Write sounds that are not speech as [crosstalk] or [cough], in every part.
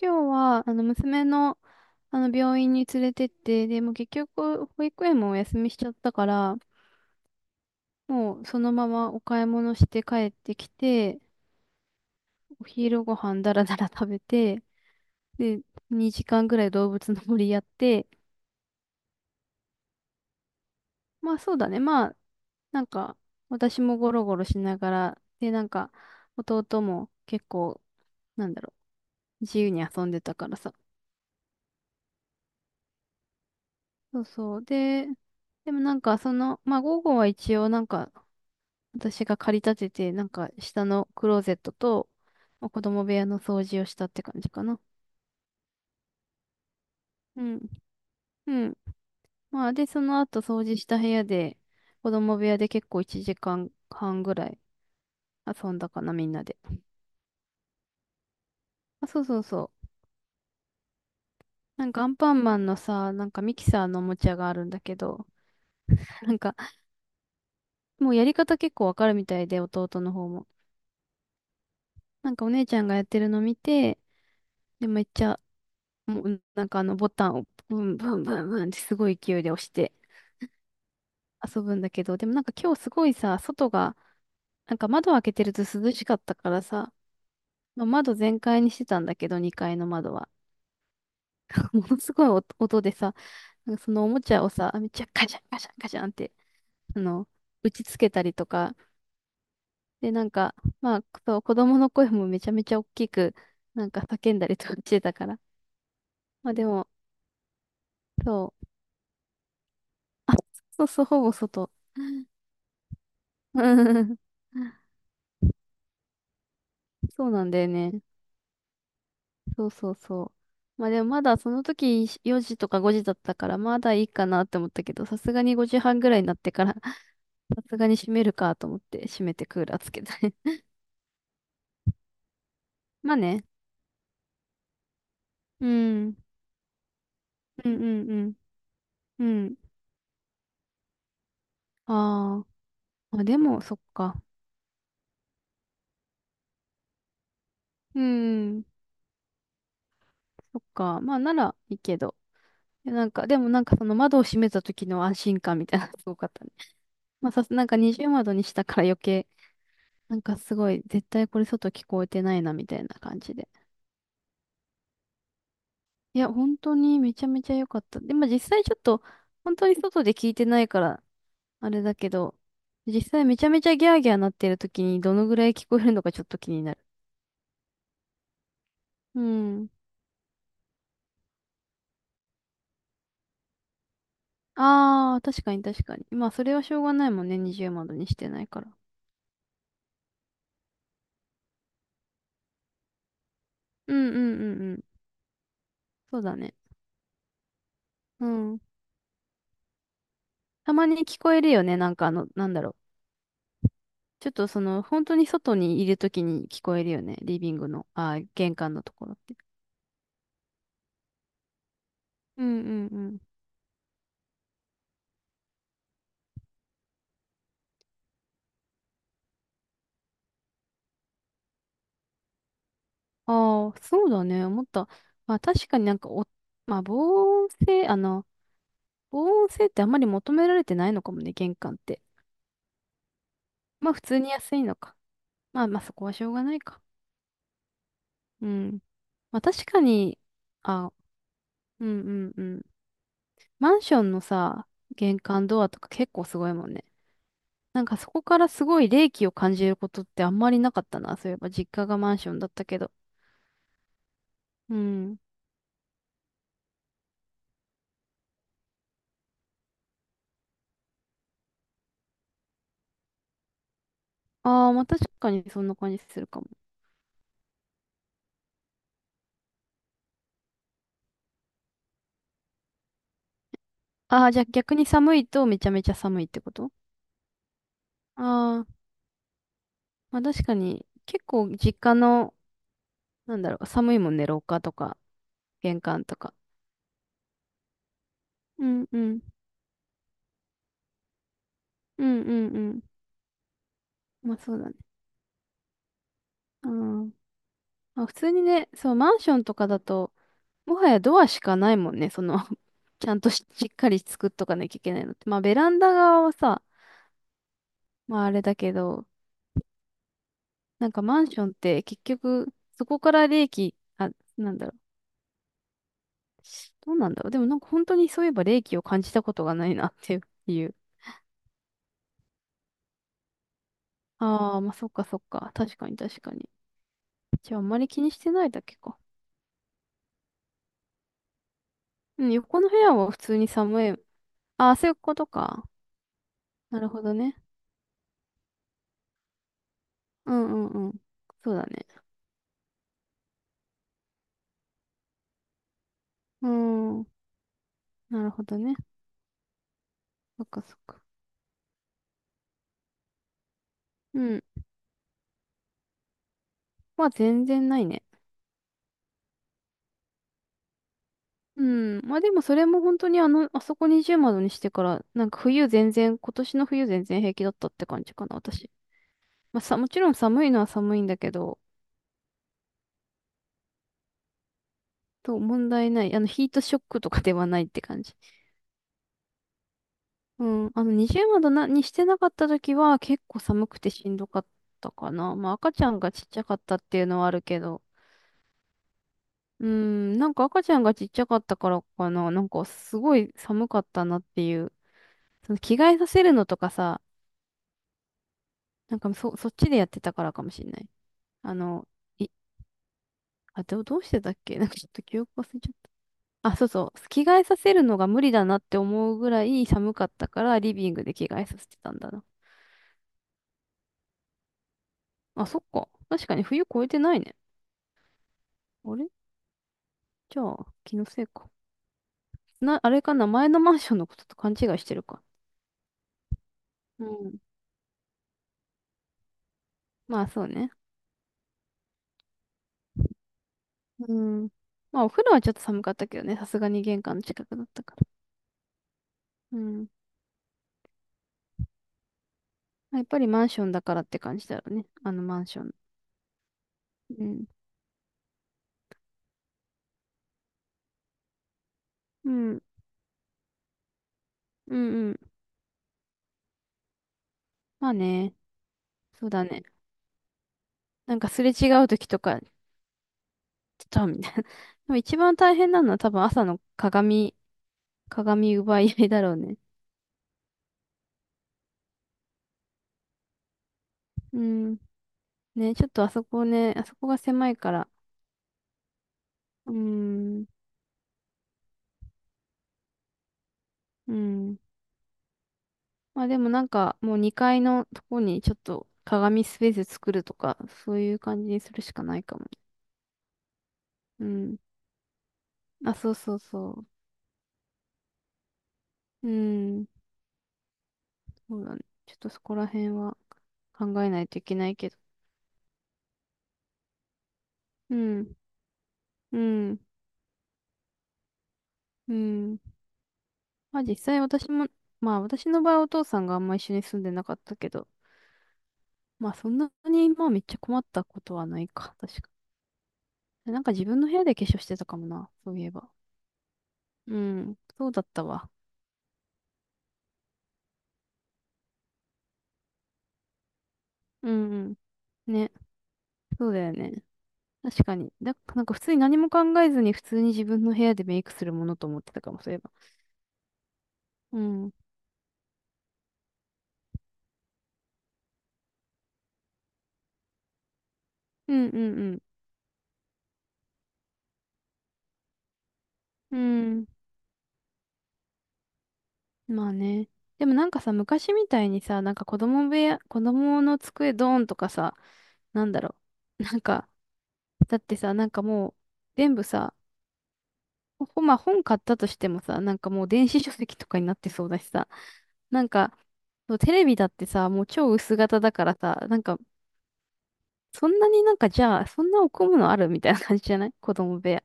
今日は、娘の、病院に連れてって、でもう結局、保育園もお休みしちゃったから、もうそのままお買い物して帰ってきて、お昼ご飯だらだら食べて、で、2時間ぐらい動物の森やって、まあそうだね、まあ、なんか、私もゴロゴロしながら、で、なんか、弟も結構、なんだろう、自由に遊んでたからさ。そうそう。で、でもなんかその、まあ午後は一応なんか私が借り立てて、なんか下のクローゼットと、まあ子供部屋の掃除をしたって感じかな。うん。うん。まあ、で、その後掃除した部屋で、子供部屋で結構1時間半ぐらい遊んだかな、みんなで。あ、そうそうそう。なんかアンパンマンのさ、なんかミキサーのおもちゃがあるんだけど、[laughs] なんかもうやり方結構わかるみたいで、弟の方も。なんかお姉ちゃんがやってるの見て、で、めっちゃ、もうなんかあのボタンをブンブンブンブンってすごい勢いで押して、遊ぶんだけど、でもなんか今日すごいさ、外が、なんか窓開けてると涼しかったからさ、まあ、窓全開にしてたんだけど、2階の窓は。[laughs] ものすごい音でさ、なんかそのおもちゃをさ、めっちゃカシャンカシャンカシャンって、あの、打ちつけたりとか、で、なんか、まあ、そう、子供の声もめちゃめちゃ大きく、なんか叫んだりとかしてたから。まあでも、そう、そうそう、ほぼ外。[laughs] そうなんだよね。そうそうそう。まあでもまだその時4時とか5時だったからまだいいかなって思ったけど、さすがに5時半ぐらいになってから [laughs] さすがに閉めるかと思って閉めてクーラーつけたね。[laughs] まあね。うん。うんうんうん。うん。あーあ。まあでも、そっか。うん。そっか。まあならいいけど。いやなんか、でもなんかその窓を閉めた時の安心感みたいなの [laughs] すごかったね。[laughs] まあなんか二重窓にしたから余計、なんかすごい、絶対これ外聞こえてないなみたいな感じで。いや、本当にめちゃめちゃ良かった。でも実際ちょっと、本当に外で聞いてないから、あれだけど、実際めちゃめちゃギャーギャーなってる時にどのぐらい聞こえるのかちょっと気になる。うん。ああ、確かに確かに。まあ、それはしょうがないもんね。二重窓にしてないから。うんうんうんうん。そうだね。うん。たまに聞こえるよね。なんかあの、なんだろう。ちょっとその、本当に外にいる時に聞こえるよね。リビングの、ああ、玄関のところって。うんうんうん。ああ、そうだね。思った。まあ確かになんかお、まあ防音性、防音性ってあんまり求められてないのかもね、玄関って。まあ普通に安いのか。まあまあそこはしょうがないか。うん。まあ確かに、あ、うんうんうん。マンションのさ、玄関ドアとか結構すごいもんね。なんかそこからすごい冷気を感じることってあんまりなかったな。そういえば実家がマンションだったけど。うん。ああ、まあ確かにそんな感じするかも。ああ、じゃあ逆に寒いとめちゃめちゃ寒いってことああ、まあ確かに、結構実家の、なんだろう、寒いもんね、廊下とか、玄関とか。うんうん。うんうんうん。まあそうだね。うん。まあ普通にね、そう、マンションとかだと、もはやドアしかないもんね、その [laughs] ちゃんとし、しっかり作っとかなきゃいけないのって。まあベランダ側はさ、まああれだけど、なんかマンションって結局、そこから冷気、あ、なんだろう。どうなんだろう。でもなんか本当にそういえば冷気を感じたことがないなっていう。ああ、まあそっかそっか。確かに確かに。じゃああんまり気にしてないだけか。うん、横の部屋は普通に寒い。ああ、そういうことか。なるほどね。うんうんうん。そうだね。うーん。なるほどね。そっかそっか。うん。まあ全然ないね。うん。まあでもそれも本当にあの、あそこ二重窓にしてから、なんか冬全然、今年の冬全然平気だったって感じかな、私。まあさ、もちろん寒いのは寒いんだけど、と問題ない。ヒートショックとかではないって感じ。うん、あの、二重窓にしてなかった時は結構寒くてしんどかったかな。まあ赤ちゃんがちっちゃかったっていうのはあるけど。うん、なんか赤ちゃんがちっちゃかったからかな。なんかすごい寒かったなっていう。その着替えさせるのとかさ、なんかそっちでやってたからかもしんない。あの、い、あ、どうしてたっけなんかちょっと記憶忘れちゃった。あ、そうそう。着替えさせるのが無理だなって思うぐらい寒かったからリビングで着替えさせてたんだな。あ、そっか。確かに冬越えてないね。あれじゃあ、気のせいか。あれかな、前のマンションのことと勘違いしてるか。うん。まあ、そうね。うん。まあ、お風呂はちょっと寒かったけどね、さすがに玄関の近くだったから。うん。まあやっぱりマンションだからって感じだろうね。あのマンション。うん。うん。うんうん。まあね。そうだね。なんかすれ違う時とか、ちょっとみたいな。[laughs] でも一番大変なのは多分朝の鏡奪い合いだろうね。うん。ね、ちょっとあそこね、あそこが狭いから。うん。うん。まあでもなんかもう2階のとこにちょっと鏡スペース作るとか、そういう感じにするしかないかも。うん。あ、そうそうそう。うん。そうだね。ちょっとそこら辺は考えないといけないけど。うん。うん。うん。まあ実際私も、まあ私の場合お父さんがあんま一緒に住んでなかったけど、まあそんなにまあめっちゃ困ったことはないか。確か。なんか自分の部屋で化粧してたかもな。そういえば。うん。そうだったわ。うんうん。ね。そうだよね。確かに。なんか普通に何も考えずに普通に自分の部屋でメイクするものと思ってたかも、そういえば。うん。うんうんうん。うん。まあね。でもなんかさ、昔みたいにさ、なんか子供部屋、子供の机ドーンとかさ、なんだろう。[laughs] なんか、だってさ、なんかもう、全部さ、まあ本買ったとしてもさ、なんかもう電子書籍とかになってそうだしさ、なんか、そうテレビだってさ、もう超薄型だからさ、なんかそんなになんかじゃあ、そんなおむのあるみたいな感じじゃない [laughs] 子供部屋。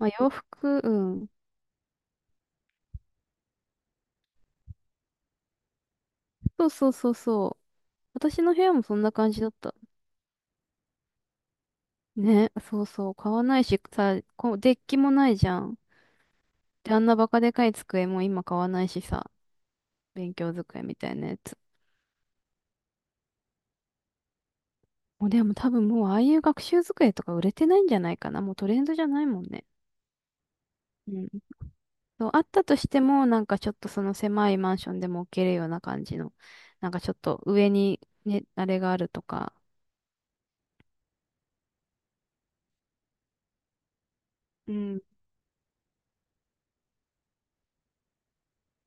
まあ洋服、うん。そうそうそうそう。私の部屋もそんな感じだった。ね、そうそう。買わないし、さ、こう、デッキもないじゃん。で、あんなバカでかい机も今買わないしさ、勉強机みたいなやつ。もうでも多分もうああいう学習机とか売れてないんじゃないかな。もうトレンドじゃないもんね。うん。そう、あったとしても、なんかちょっとその狭いマンションでも置けるような感じの、なんかちょっと上にね、あれがあるとか、うん。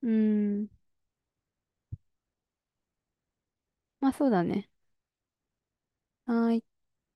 うん。まあそうだね。はーい。